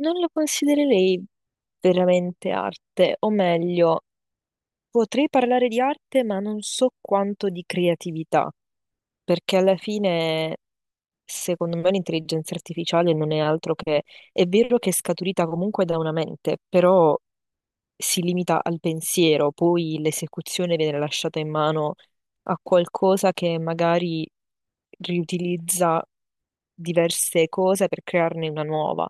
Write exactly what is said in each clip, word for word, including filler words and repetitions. Non lo considererei veramente arte, o meglio, potrei parlare di arte, ma non so quanto di creatività, perché alla fine, secondo me, l'intelligenza artificiale non è altro che, è vero che è scaturita comunque da una mente, però si limita al pensiero, poi l'esecuzione viene lasciata in mano a qualcosa che magari riutilizza diverse cose per crearne una nuova,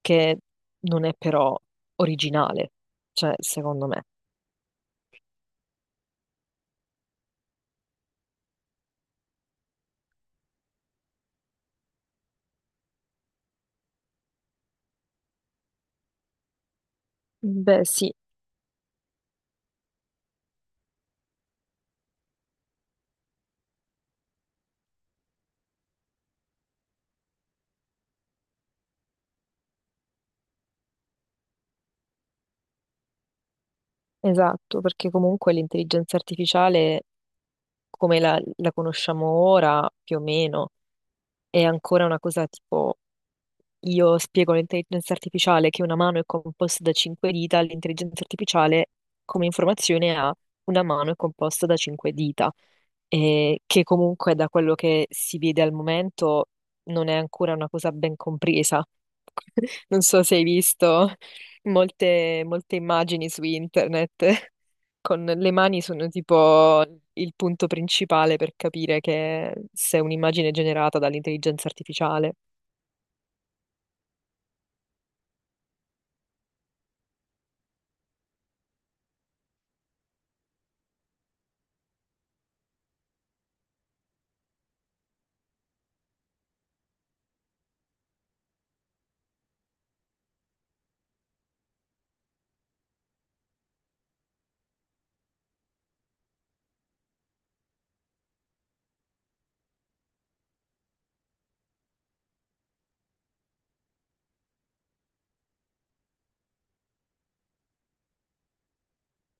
che non è però originale, cioè, secondo me. Beh, sì, esatto, perché comunque l'intelligenza artificiale, come la, la conosciamo ora, più o meno, è ancora una cosa tipo. Io spiego all'intelligenza artificiale che una mano è composta da cinque dita, l'intelligenza artificiale come informazione ha una mano è composta da cinque dita, e che comunque da quello che si vede al momento non è ancora una cosa ben compresa. Non so se hai visto molte, molte immagini su internet con le mani sono tipo il punto principale per capire che se è un'immagine generata dall'intelligenza artificiale.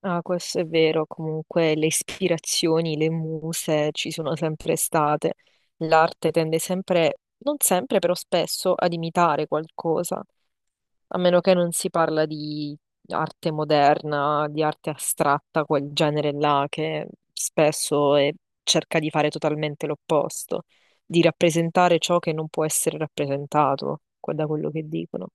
Ah, questo è vero, comunque le ispirazioni, le muse ci sono sempre state. L'arte tende sempre, non sempre, però spesso ad imitare qualcosa, a meno che non si parla di arte moderna, di arte astratta, quel genere là che spesso è- cerca di fare totalmente l'opposto, di rappresentare ciò che non può essere rappresentato, que- da quello che dicono.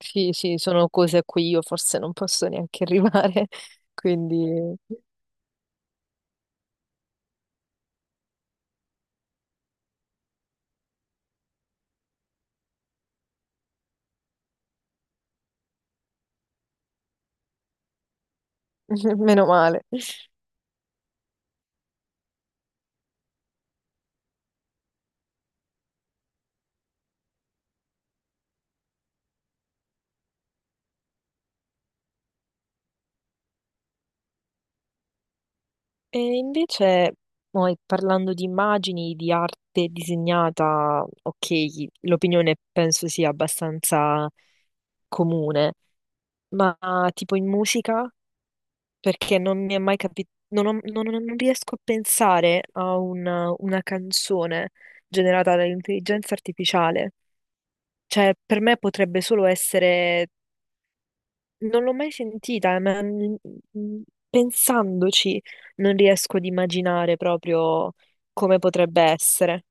Sì, sì, sono cose a cui io forse non posso neanche arrivare, quindi... Meno male. E invece, poi, parlando di immagini, di arte disegnata, ok, l'opinione penso sia abbastanza comune, ma tipo in musica, perché non mi è mai capito, non, ho- non- non- non riesco a pensare a una, una canzone generata dall'intelligenza artificiale. Cioè, per me potrebbe solo essere. Non l'ho mai sentita, ma mm, mm, pensandoci non riesco ad immaginare proprio come potrebbe essere.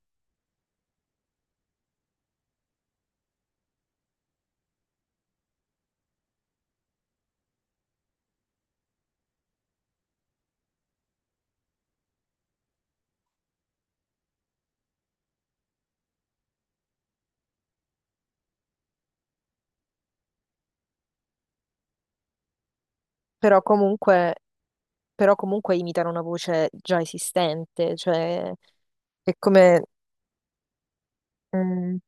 Però comunque, però comunque imitano una voce già esistente, cioè è come... mm,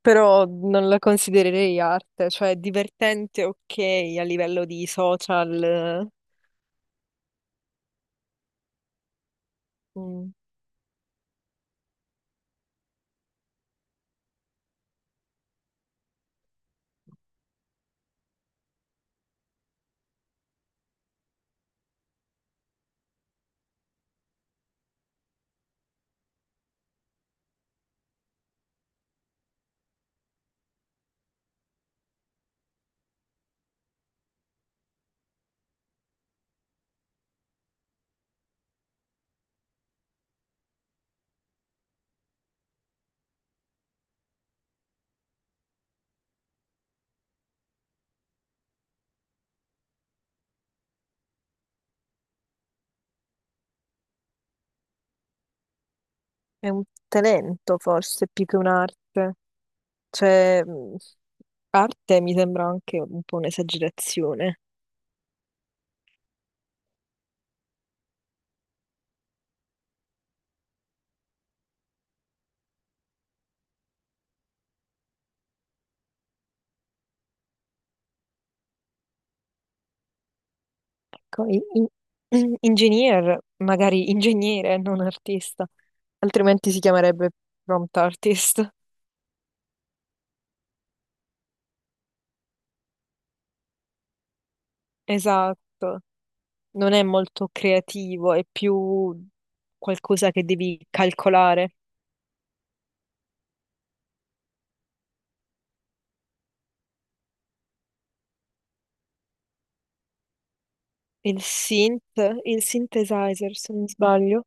però non la considererei arte, cioè è divertente, ok, a livello di social, mm, è un talento forse più che un'arte. Cioè, mm, arte mi sembra anche un po' un'esagerazione. Ecco, i- i- Engineer, magari ingegnere, non artista, altrimenti si chiamerebbe prompt artist. Esatto, non è molto creativo, è più qualcosa che devi calcolare. Il synth, il synthesizer, se non sbaglio,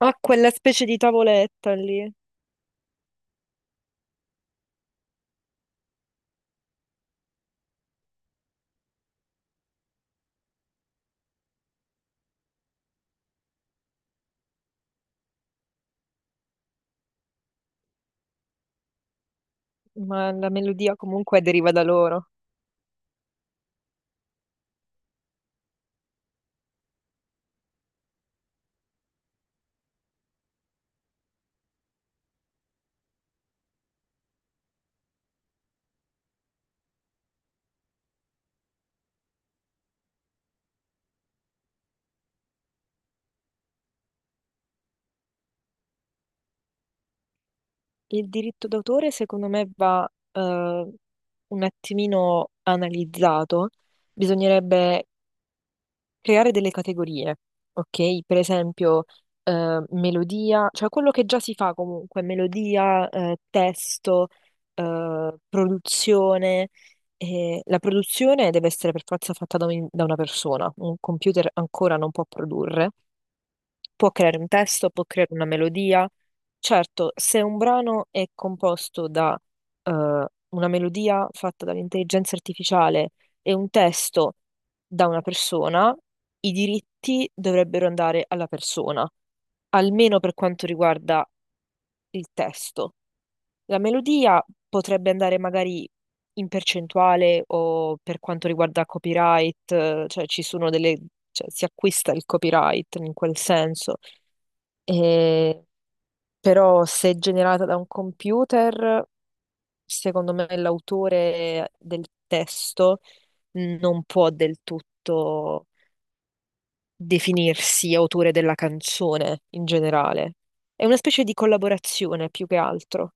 ha quella specie di tavoletta lì, ma la melodia comunque deriva da loro. Il diritto d'autore, secondo me, va eh, un attimino analizzato. Bisognerebbe creare delle categorie, ok? Per esempio, eh, melodia, cioè quello che già si fa comunque, melodia, eh, testo, eh, produzione. E la produzione deve essere per forza fatta da, un- da una persona, un computer ancora non può produrre, può creare un testo, può creare una melodia. Certo, se un brano è composto da eh, una melodia fatta dall'intelligenza artificiale e un testo da una persona, i diritti dovrebbero andare alla persona, almeno per quanto riguarda il testo. La melodia potrebbe andare magari in percentuale o per quanto riguarda copyright, eh, cioè ci sono delle, cioè si acquista il copyright in quel senso. E però se generata da un computer, secondo me l'autore del testo non può del tutto definirsi autore della canzone in generale. È una specie di collaborazione più che altro.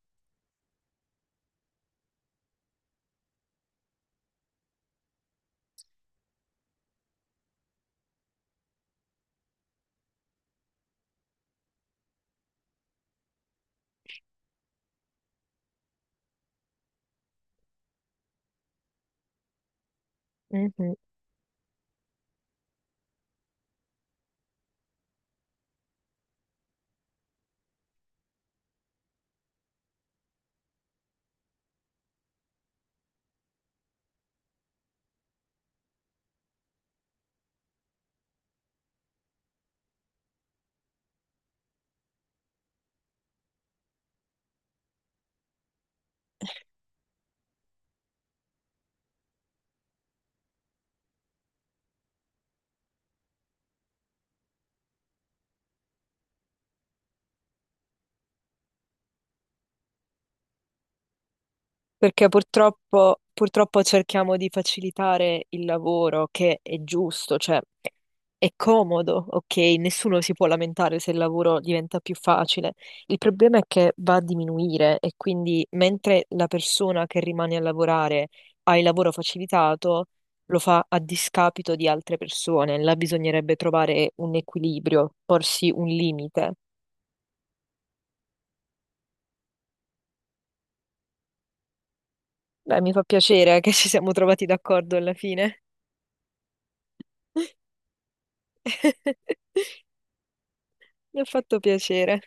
Perché purtroppo, purtroppo cerchiamo di facilitare il lavoro, che è giusto, cioè è comodo, ok? Nessuno si può lamentare se il lavoro diventa più facile. Il problema è che va a diminuire e quindi mentre la persona che rimane a lavorare ha il lavoro facilitato, lo fa a discapito di altre persone. Là bisognerebbe trovare un equilibrio, porsi un limite. Beh, mi fa piacere che ci siamo trovati d'accordo alla fine. Mi ha fatto piacere.